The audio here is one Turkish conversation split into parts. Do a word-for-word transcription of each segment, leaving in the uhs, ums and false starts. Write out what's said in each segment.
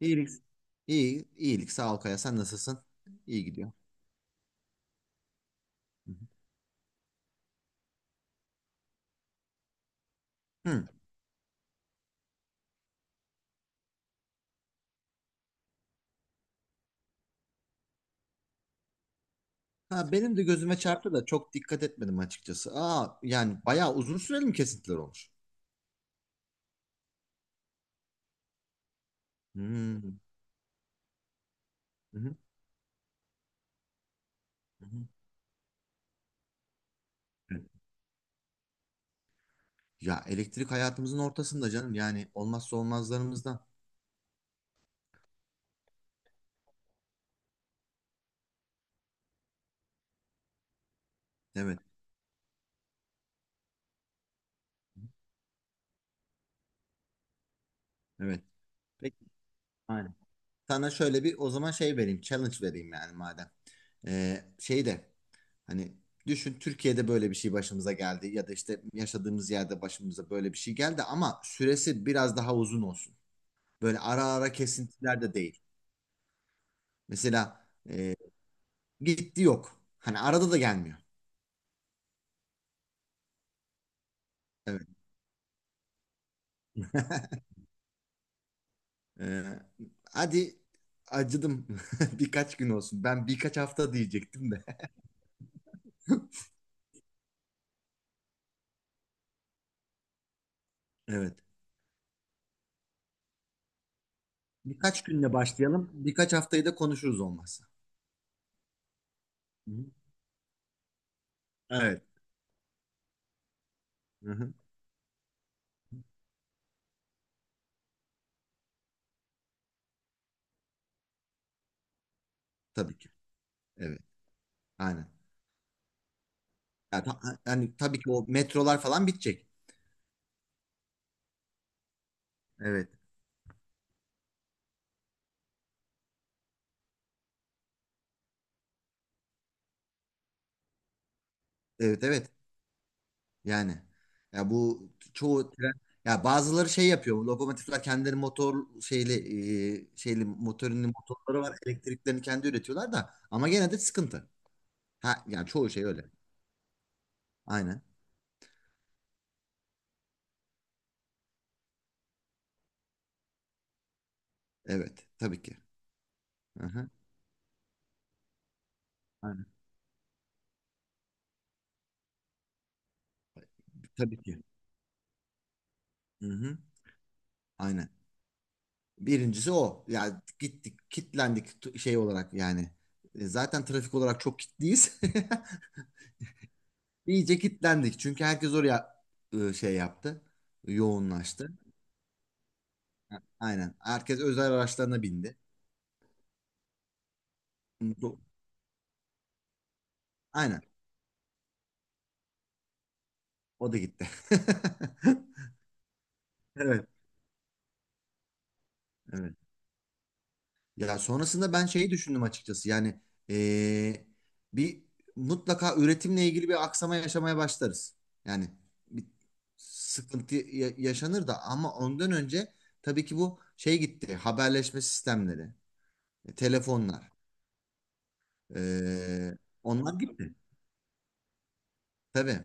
İyilik. İyi, iyilik. Sağ ol Kaya. Sen nasılsın? İyi gidiyor. Hı hı. Hı. Ha, benim de gözüme çarptı da çok dikkat etmedim açıkçası. Aa, yani bayağı uzun süreli mi kesintiler olmuş? Hmm. Hı hı. Hı hı. Evet. Ya elektrik hayatımızın ortasında canım. Yani olmazsa olmazlarımızdan. Evet. Evet. Peki. Aynen. Sana şöyle bir o zaman şey vereyim. Challenge vereyim yani madem. Ee, şey de hani düşün Türkiye'de böyle bir şey başımıza geldi ya da işte yaşadığımız yerde başımıza böyle bir şey geldi ama süresi biraz daha uzun olsun. Böyle ara ara kesintiler de değil. Mesela e, gitti yok. Hani arada da gelmiyor. Evet. E, hadi acıdım birkaç gün olsun. Ben birkaç hafta diyecektim de. Evet. Birkaç günle başlayalım. Birkaç haftayı da konuşuruz olmazsa. Hı hı. Evet. Hı hı. Tabii ki. Evet. Aynen. Yani, ta- Hani tabii ki o metrolar falan bitecek. Evet. Evet evet. Yani ya bu çoğu tren ya bazıları şey yapıyor. Bu lokomotifler kendileri motor şeyli e, şeyli motorunun motorları var. Elektriklerini kendi üretiyorlar da ama gene de sıkıntı. Ha yani çoğu şey öyle. Aynen. Evet. Tabii ki. Aha, aynen. Tabii ki. Hı-hı. Aynen. Birincisi o. Ya gittik, kitlendik t- şey olarak yani. E, zaten trafik olarak çok kitliyiz. İyice kitlendik. Çünkü herkes oraya e, şey yaptı. Yoğunlaştı. Aynen. Herkes özel araçlarına bindi. Do- Aynen. O da gitti. Evet. Evet. Ya sonrasında ben şeyi düşündüm açıkçası. Yani eee, bir mutlaka üretimle ilgili bir aksama yaşamaya başlarız. Yani bir sıkıntı ya- yaşanır da ama ondan önce tabii ki bu şey gitti. Haberleşme sistemleri, telefonlar. Eee, onlar gitti. Tabii.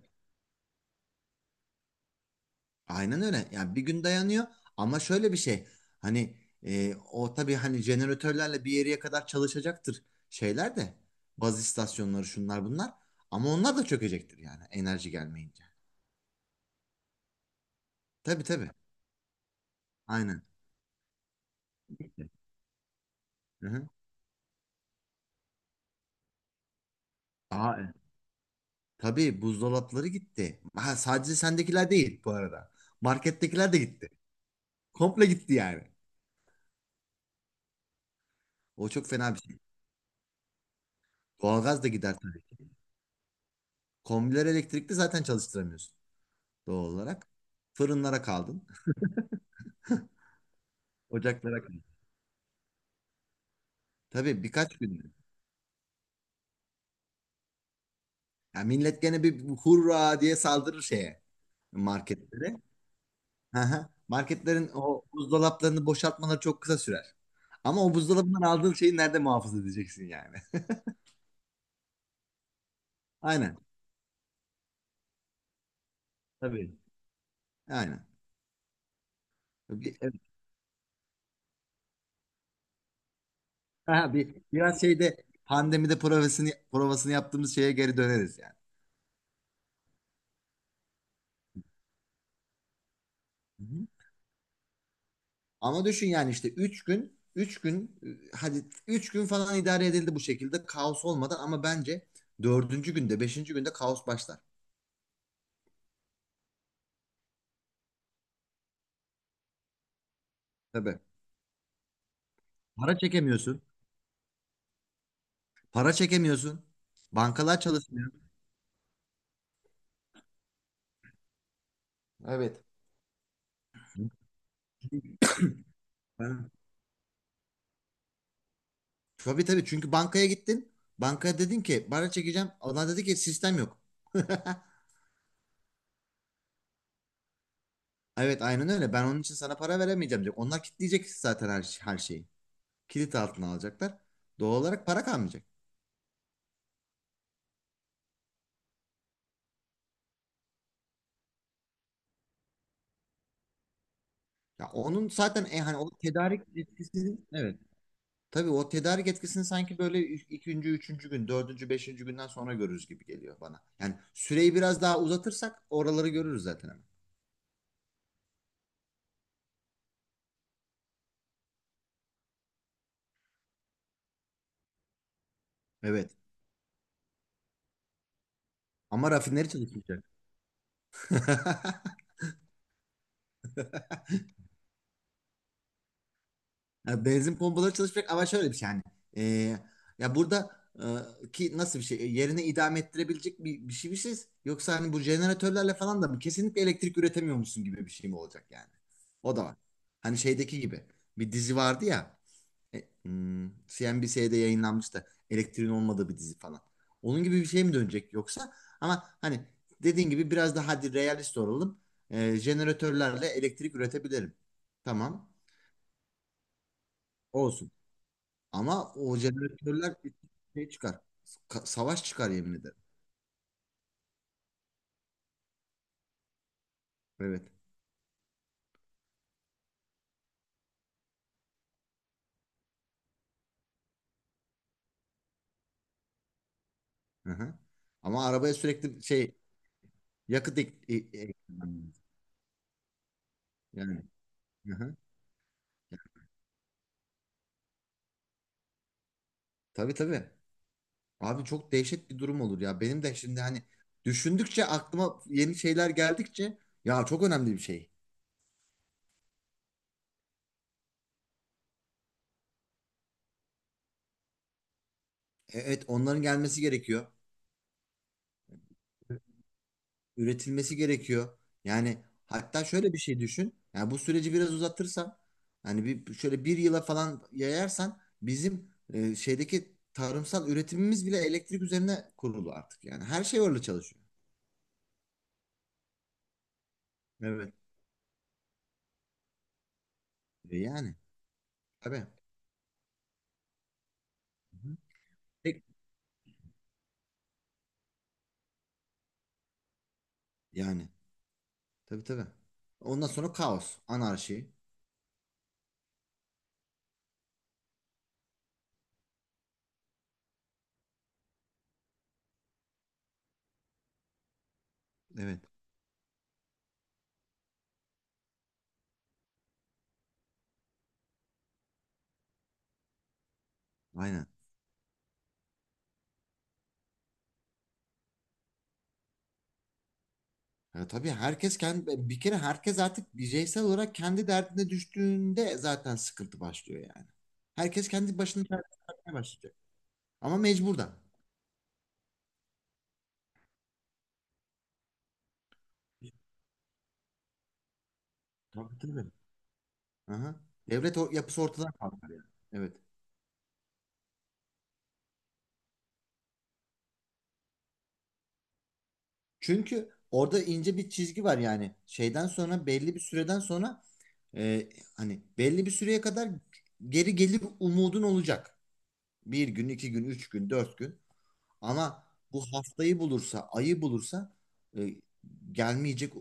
Aynen öyle. Yani bir gün dayanıyor ama şöyle bir şey. Hani e, o tabii hani jeneratörlerle bir yere kadar çalışacaktır şeyler de. Baz istasyonları şunlar bunlar. Ama onlar da çökecektir yani enerji gelmeyince. Tabii tabii. Aynen. Gitti. Hı hı. Aa, e, tabii buzdolapları gitti. Ha, sadece sendekiler değil bu arada. Markettekiler de gitti. Komple gitti yani. O çok fena bir şey. Doğalgaz da gider tabii ki. Kombiler elektrikli zaten çalıştıramıyorsun doğal olarak. Fırınlara kaldın. Ocaklara kadar. Tabii birkaç günde. Ya millet gene bir hurra diye saldırır şeye marketlere. Hı hı. Marketlerin o buzdolaplarını boşaltmaları çok kısa sürer. Ama o buzdolabından aldığın şeyi nerede muhafaza edeceksin yani? Aynen. Tabii. Aynen. Bir, evet. Aha, bir, biraz şeyde pandemide provasını, provasını yaptığımız şeye geri döneriz yani. Ama düşün yani işte üç gün üç gün e, hadi üç gün falan idare edildi bu şekilde kaos olmadan ama bence dördüncü günde beşinci günde kaos başlar. Tabii. Para çekemiyorsun. Para çekemiyorsun. Bankalar çalışmıyor. Evet. Ben- Tabii tabii çünkü bankaya gittin. Bankaya dedin ki para çekeceğim. Onlar dedi ki sistem yok. Evet aynen öyle. Ben onun için sana para veremeyeceğim diyor. Onlar kilitleyecek zaten her, her şeyi. Kilit altına alacaklar. Doğal olarak para kalmayacak. Ya onun zaten e, hani o tedarik etkisini evet. Tabii o tedarik etkisini sanki böyle ü- ikinci, üçüncü gün, dördüncü, beşinci günden sonra görürüz gibi geliyor bana. Yani süreyi biraz daha uzatırsak oraları görürüz zaten hemen. Evet. Ama rafineri çalışmayacak. Ya benzin pompaları çalışacak ama şöyle bir şey yani. Ee, ya burada e, ki nasıl bir şey e, yerine idame ettirebilecek bir, bir şey bir şey yoksa hani bu jeneratörlerle falan da mı kesinlikle elektrik üretemiyormuşsun gibi bir şey mi olacak yani? O da var. Hani şeydeki gibi bir dizi vardı ya e, hmm, C N B C'de yayınlanmıştı elektriğin olmadığı bir dizi falan. Onun gibi bir şey mi dönecek yoksa ama hani dediğin gibi biraz daha hadi realist olalım. E, jeneratörlerle elektrik üretebilirim. Tamam. Olsun. Ama o jeneratörler şey çıkar. Ka- savaş çıkar yemin ederim. Evet. Hı-hı. Ama arabaya sürekli şey yakıt ek e- e- yani. Hı-hı. Tabii tabii. Abi çok dehşet bir durum olur ya. Benim de şimdi hani düşündükçe aklıma yeni şeyler geldikçe ya çok önemli bir şey. E-, Evet onların gelmesi gerekiyor. Üretilmesi gerekiyor. Yani hatta şöyle bir şey düşün. Yani bu süreci biraz uzatırsan hani bir şöyle bir yıla falan yayarsan bizim e, şeydeki tarımsal üretimimiz bile elektrik üzerine kurulu artık. Yani her şey orada çalışıyor. Evet. E yani tabii. Hı. Peki, yani tabii tabii. Ondan sonra kaos, anarşi. Evet. Aynen. Ya tabii herkes kendi bir kere herkes artık bireysel olarak kendi derdine düştüğünde zaten sıkıntı başlıyor yani. Herkes kendi başına derdine bakmaya başlayacak. Ama mecburdan. Tabii tabii. Aha. Devlet o- yapısı ortadan kalkar yani. Evet. Çünkü orada ince bir çizgi var yani. Şeyden sonra belli bir süreden sonra e, hani belli bir süreye kadar geri gelir umudun olacak. Bir gün, iki gün, üç gün, dört gün. Ama bu haftayı bulursa, ayı bulursa e, gelmeyecek,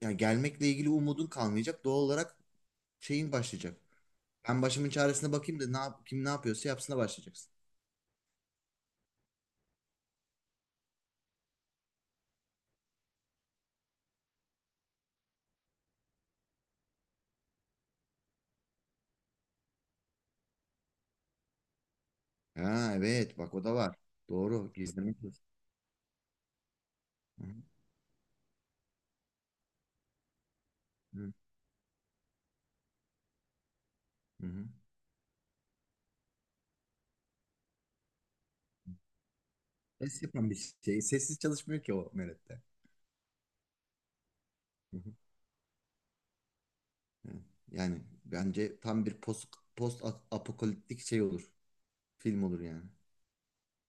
yani gelmekle ilgili umudun kalmayacak. Doğal olarak şeyin başlayacak. Ben başımın çaresine bakayım da ne yap, kim ne yapıyorsa yapsına başlayacaksın. Ha evet bak o da var. Doğru gizlemek. Yok. Hı hı, hı hı. Ses yapan bir şey. Sessiz çalışmıyor ki o Meret'te. Hı hı, evet. Yani bence tam bir post, post apokaliptik şey olur. Film olur yani.